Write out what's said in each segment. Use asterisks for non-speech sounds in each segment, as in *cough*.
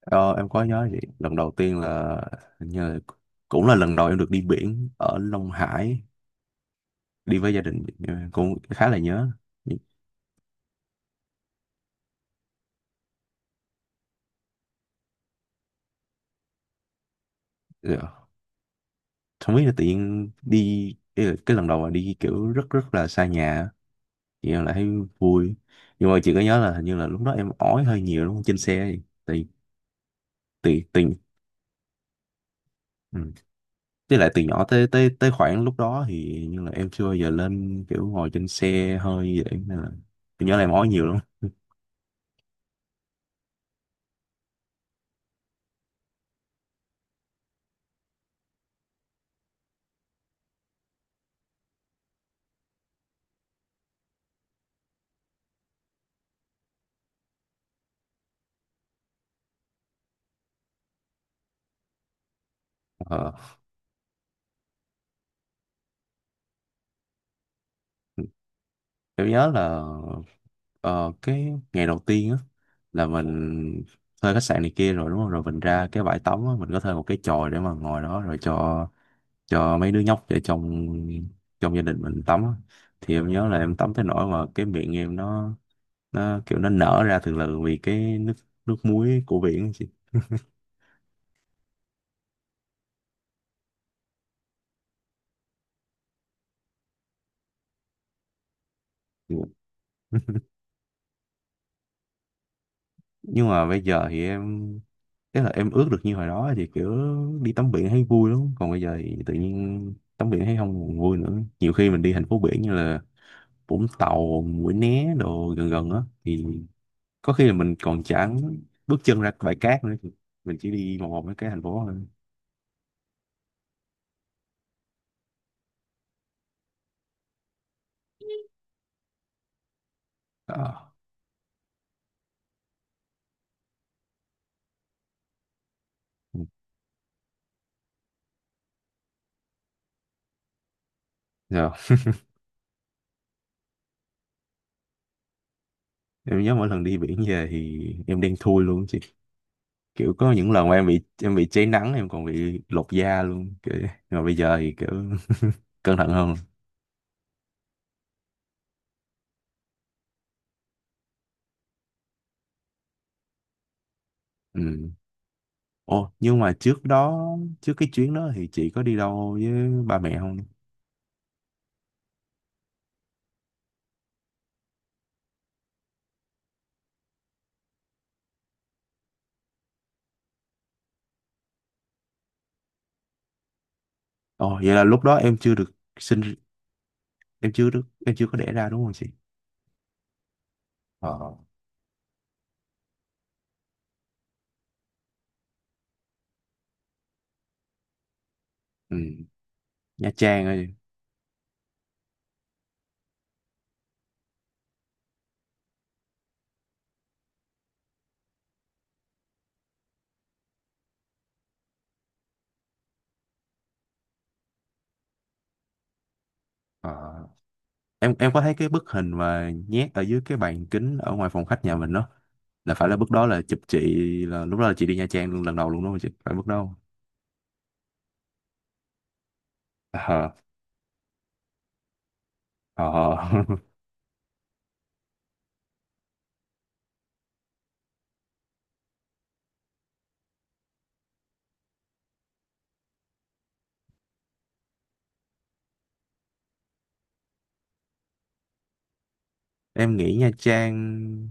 Ờ, em có nhớ vậy. Lần đầu tiên là hình như là cũng là lần đầu em được đi biển ở Long Hải, đi với gia đình, em cũng khá là nhớ. Dạ. Không biết là tự nhiên đi, ý là cái lần đầu mà đi kiểu rất rất là xa nhà á, thì em lại thấy vui. Nhưng mà chị có nhớ là hình như là lúc đó em ói hơi nhiều đúng không, trên xe thì tại tại tại ừ. Với lại từ nhỏ tới tới tới khoảng lúc đó thì như là em chưa bao giờ lên kiểu ngồi trên xe hơi vậy, nên là em nhớ là em ói nhiều lắm. Ờ. Em nhớ là ờ, cái ngày đầu tiên á là mình thuê khách sạn này kia rồi đúng không? Rồi mình ra cái bãi tắm á, mình có thuê một cái chòi để mà ngồi đó rồi cho mấy đứa nhóc ở trong trong gia đình mình tắm á. Thì em nhớ là em tắm tới nỗi mà cái miệng em nó kiểu nó nở ra từ từ vì cái nước nước muối của biển á chị. Nhưng mà bây giờ thì em, tức là em ước được như hồi đó thì kiểu đi tắm biển thấy vui lắm, còn bây giờ thì tự nhiên tắm biển thấy không còn vui nữa. Nhiều khi mình đi thành phố biển như là Vũng Tàu, Mũi Né đồ gần gần á thì có khi là mình còn chẳng bước chân ra bãi cát nữa, mình chỉ đi vòng vòng mấy cái thành phố thôi. Ờ. Ừ. Rồi. Em nhớ mỗi lần đi biển về thì em đen thui luôn chị, kiểu có những lần mà em bị, em bị cháy nắng, em còn bị lột da luôn kiểu, nhưng mà bây giờ thì kiểu *laughs* cẩn thận hơn. Ừ. Ồ, nhưng mà trước đó, trước cái chuyến đó thì chị có đi đâu với ba mẹ không? Ồ, vậy là lúc đó em chưa được sinh, em chưa được, em chưa có đẻ ra đúng không chị? Ờ. Ừ. Nha Trang ơi. Ờ, em có thấy cái bức hình mà nhét ở dưới cái bàn kính ở ngoài phòng khách nhà mình đó, là phải là bức đó là chụp chị, là lúc đó là chị đi Nha Trang luôn lần đầu luôn đúng không chị, phải bức đó không? Ờ ờ. *laughs* Em nghĩ Nha Trang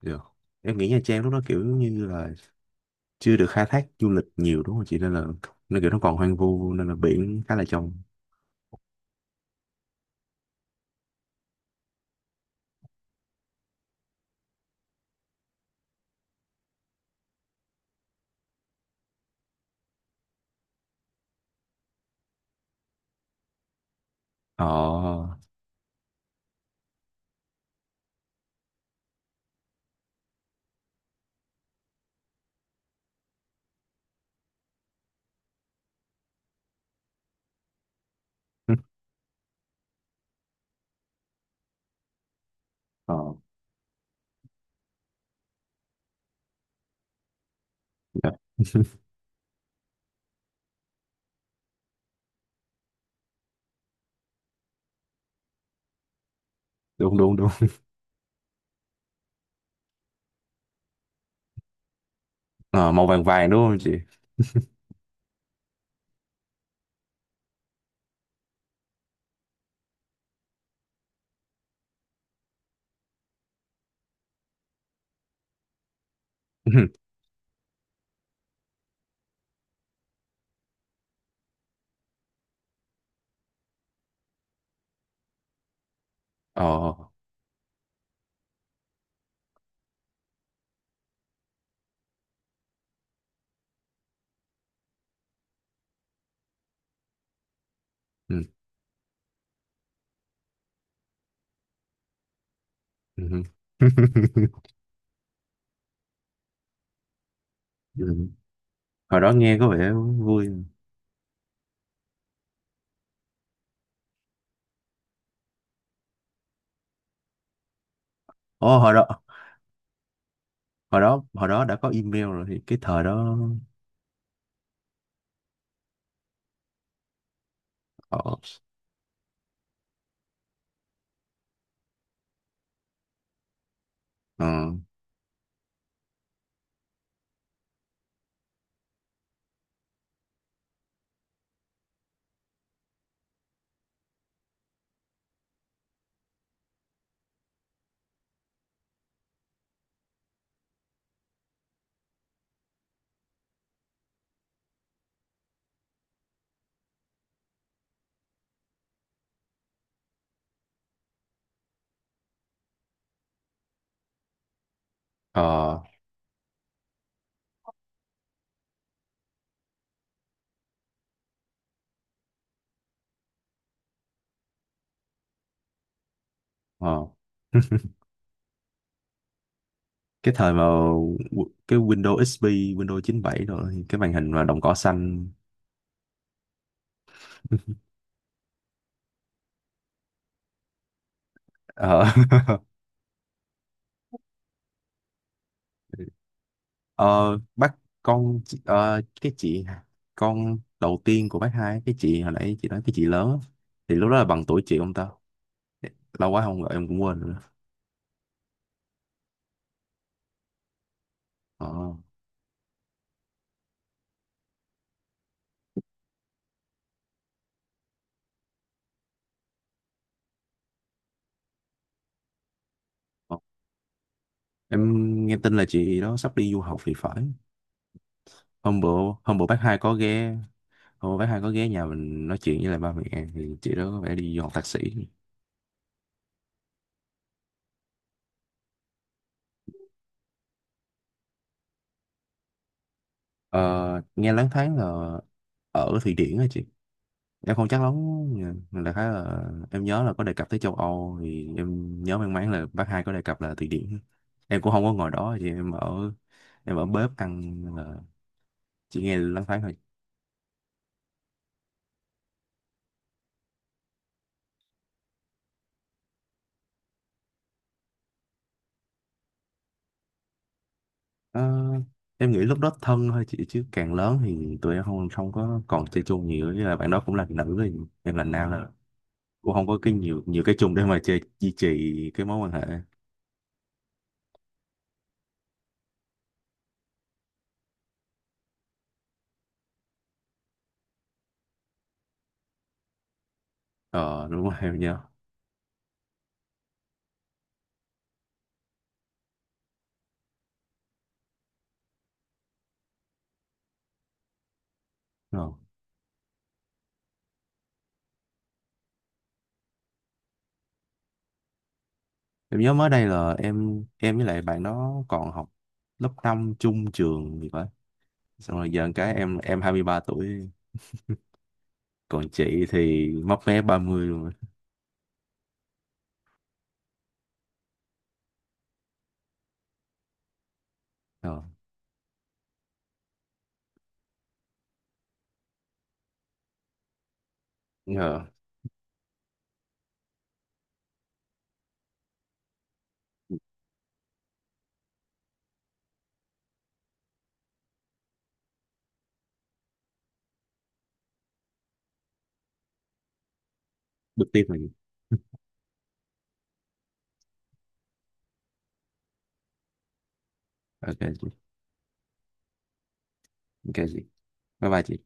được, em nghĩ Nha Trang lúc đó kiểu như là chưa được khai thác du lịch nhiều đúng không chị, nên là nên kiểu nó còn hoang vu nên là biển khá là trong. Ờ. *laughs* Ờ. Dạ, đúng đúng đúng. Ờ, màu vàng vàng đúng không chị? *laughs* Ờ. Ừ. Ừ. *laughs* Ừ. Hồi đó nghe có vẻ vui. Ồ, hồi đó, hồi đó, hồi đó đã có email rồi thì cái thời đó, ờ, ờ, ờ, ờ. *laughs* Cái thời mà cái Windows XP, Windows 97 rồi thì cái màn hình mà đồng cỏ xanh. Ờ, *laughs* ờ, bác con, chị- ờ, cái chị con đầu tiên của bác hai, cái chị hồi nãy chị nói cái chị lớn á, thì lúc đó là bằng tuổi chị ông ta. Lâu quá không gọi em cũng quên rồi. Ờ. Ờ. Em nghe tin là chị đó sắp đi du học thì phải. Hôm bữa, hôm bữa bác hai có ghé, hôm bữa bác hai có ghé nhà mình nói chuyện với lại ba mẹ, thì chị đó có vẻ đi du học thạc sĩ. Ờ, nghe loáng thoáng là ở Thụy Điển á chị. Em không chắc lắm, nhưng đại khái là em nhớ là có đề cập tới châu Âu, thì em nhớ mang máng là bác hai có đề cập là Thụy Điển. Em cũng không có ngồi đó chị, em ở, em ở bếp ăn nên là chị nghe loáng thoáng thôi. Ờ, em nghĩ lúc đó thân thôi chị, chứ càng lớn thì tụi em không không có còn chơi chung nhiều, với là bạn đó cũng là nữ thì em là nam, là cũng không có cái nhiều nhiều cái chung để mà chơi duy trì cái mối quan hệ. Ờ, đúng rồi em nhớ. Ờ. Em nhớ mới đây là em với lại bạn đó còn học lớp 5 chung trường gì vậy, xong rồi giờ cái em hai mươi ba tuổi, còn chị thì mấp mé 30 luôn rồi. Ờ. Ờ. Được tiếp mình, ok chị, ok chị, bye bye chị.